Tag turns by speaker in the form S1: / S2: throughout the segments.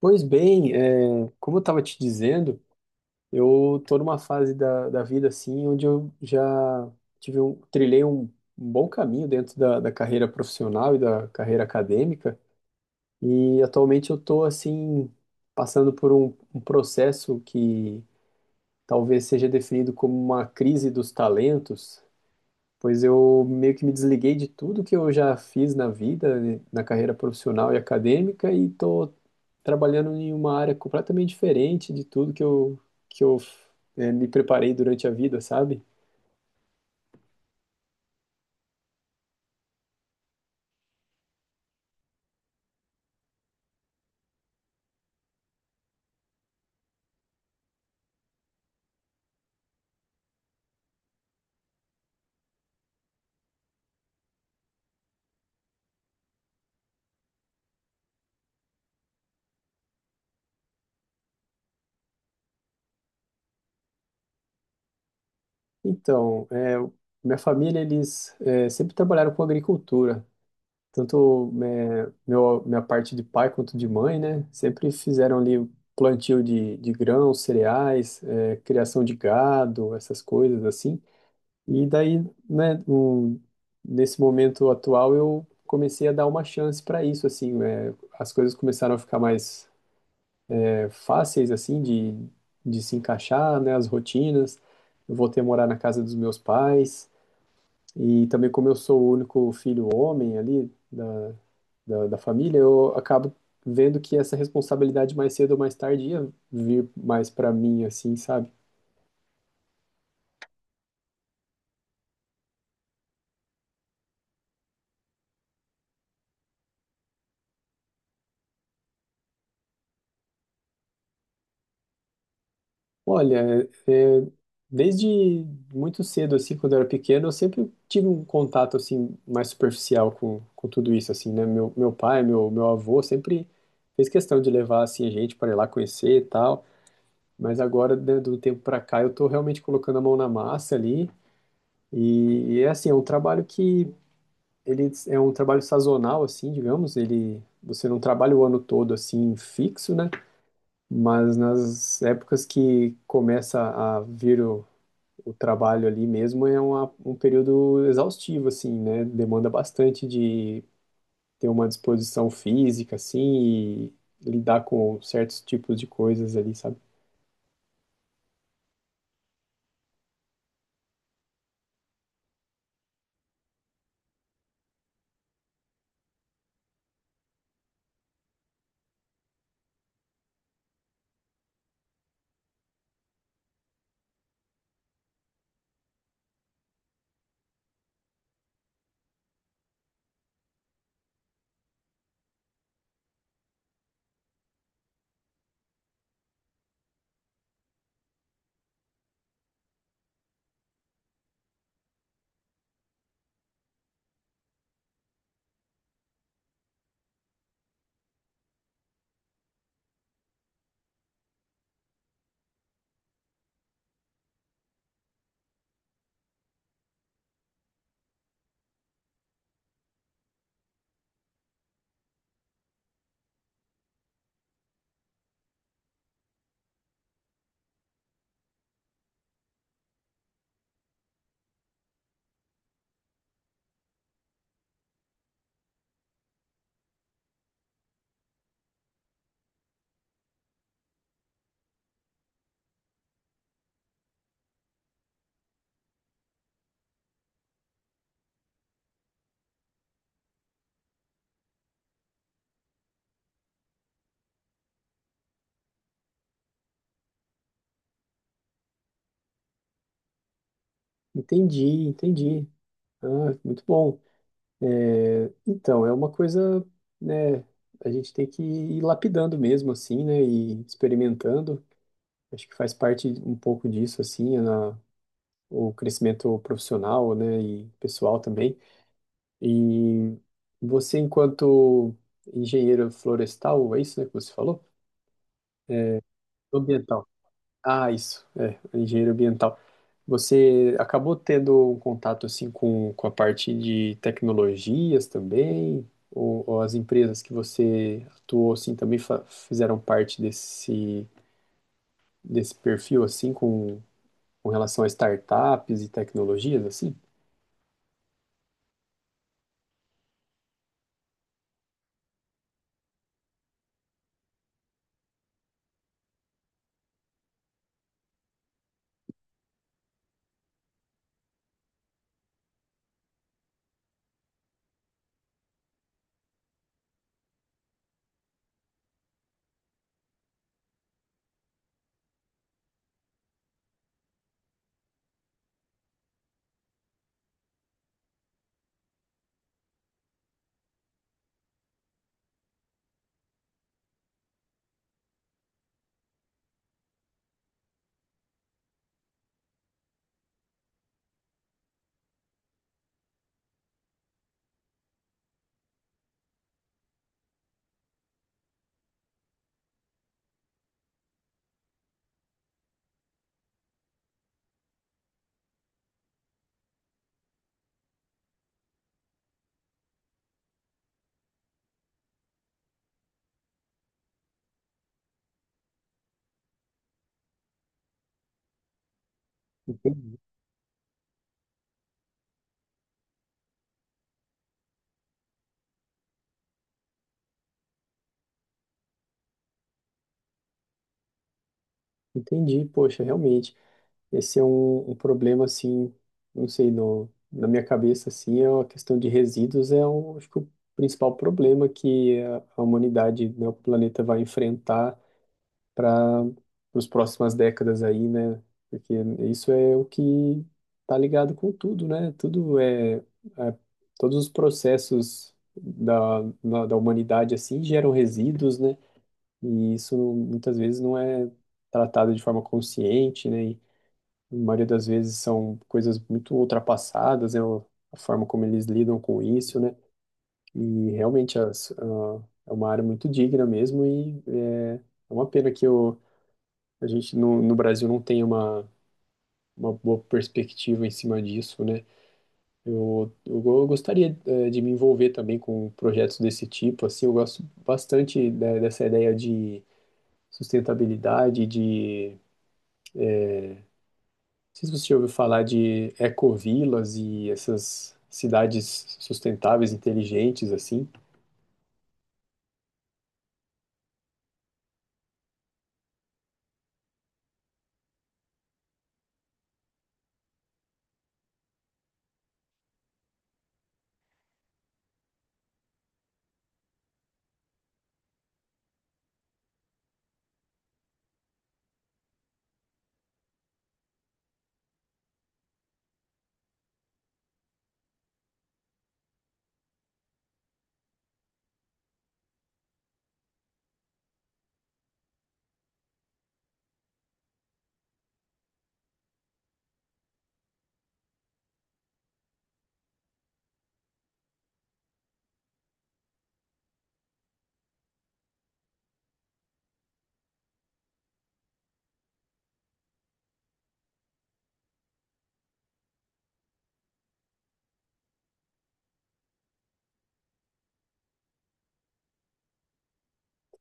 S1: Pois bem, é, como eu estava te dizendo, eu estou numa fase da vida assim, onde eu já tive um, trilhei um bom caminho dentro da carreira profissional e da carreira acadêmica, e atualmente eu estou assim, passando por um processo que talvez seja definido como uma crise dos talentos, pois eu meio que me desliguei de tudo que eu já fiz na vida, né, na carreira profissional e acadêmica, e estou trabalhando em uma área completamente diferente de tudo que eu, que eu me preparei durante a vida, sabe? Então, minha família, eles sempre trabalharam com agricultura. Tanto meu, minha parte de pai quanto de mãe, né? Sempre fizeram ali o plantio de grãos, cereais, criação de gado, essas coisas assim. E daí, né, um, nesse momento atual, eu comecei a dar uma chance para isso, assim, as coisas começaram a ficar mais fáceis assim de se encaixar, né, as rotinas. Eu voltei a morar na casa dos meus pais e também como eu sou o único filho homem ali da, da família, eu acabo vendo que essa responsabilidade mais cedo ou mais tarde ia vir mais para mim assim, sabe? Olha, é, desde muito cedo, assim, quando eu era pequeno, eu sempre tive um contato, assim, mais superficial com tudo isso, assim, né? Meu pai, meu avô sempre fez questão de levar, assim, a gente para ir lá conhecer e tal, mas agora, né, do tempo para cá, eu tô realmente colocando a mão na massa ali e é assim, é um trabalho que ele é um trabalho sazonal, assim, digamos, ele... Você não trabalha o ano todo assim fixo, né? Mas nas épocas que começa a vir o trabalho ali mesmo é uma, um período exaustivo, assim, né? Demanda bastante de ter uma disposição física, assim, e lidar com certos tipos de coisas ali, sabe? Entendi, entendi. Ah, muito bom. É, então, é uma coisa, né? A gente tem que ir lapidando mesmo, assim, né? E experimentando. Acho que faz parte um pouco disso, assim, na, o crescimento profissional, né? E pessoal também. E você, enquanto engenheiro florestal, é isso, né, que você falou? Ambiental. Ah, isso, é, engenheiro ambiental. Você acabou tendo um contato assim com a parte de tecnologias também? Ou as empresas que você atuou assim também fa- fizeram parte desse, desse perfil assim com relação a startups e tecnologias assim? Entendi, entendi, poxa, realmente. Esse é um, um problema, assim, não sei, no, na minha cabeça, assim, é a questão de resíduos é, o, acho que o principal problema que a humanidade, né, o planeta vai enfrentar para as próximas décadas aí, né? Porque isso é o que tá ligado com tudo, né? Tudo é, é- todos os processos da, na- da humanidade, assim, geram resíduos, né? E isso muitas vezes não é tratado de forma consciente, né? A maioria das vezes são coisas muito ultrapassadas, né? A forma como eles lidam com isso, né? E realmente as- ah, é uma área muito digna mesmo e é, é uma pena que o- a gente no, no Brasil não tenha uma boa perspectiva em cima disso, né? Eu, go- eu gostaria de me envolver também com projetos desse tipo, assim, eu gosto bastante, né, dessa ideia de sustentabilidade, sei se você já ouviu falar de ecovilas e essas cidades sustentáveis, inteligentes, assim.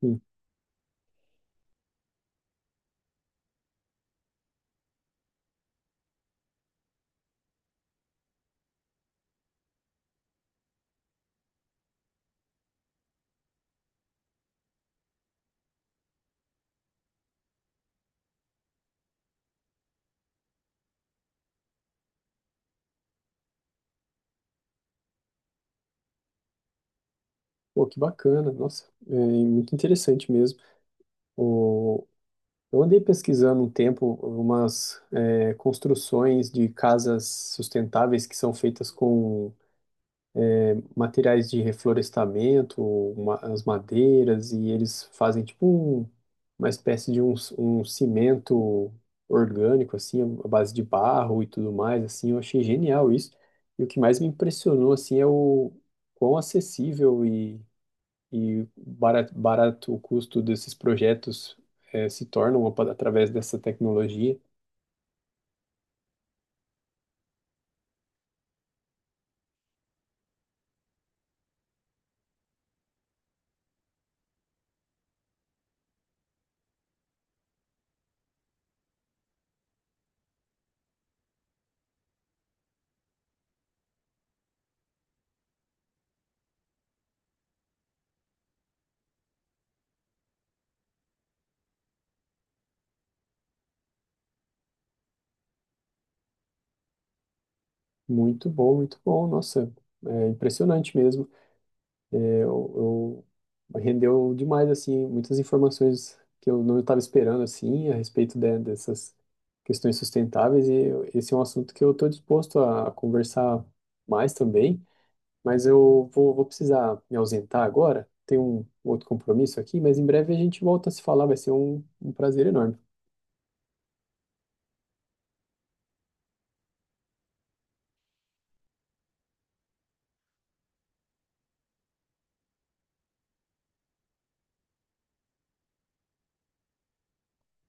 S1: Sim. Pô, que bacana, nossa, é muito interessante mesmo. O- eu andei pesquisando um tempo umas é, construções de casas sustentáveis que são feitas com materiais de reflorestamento, ma- as madeiras, e eles fazem tipo um- uma espécie de um, um cimento orgânico, assim, à base de barro e tudo mais, assim, eu achei genial isso. E o que mais me impressionou, assim, é o quão acessível e barato, barato o custo desses projetos se tornam apa- através dessa tecnologia. Muito bom, nossa, é impressionante mesmo. Eu, eu rendeu demais assim muitas informações que eu não estava esperando assim a respeito de- dessas questões sustentáveis e eu- esse é um assunto que eu estou disposto a conversar mais também, mas eu vou, vou precisar me ausentar agora. Tenho um outro compromisso aqui, mas em breve a gente volta a se falar, vai ser um um prazer enorme.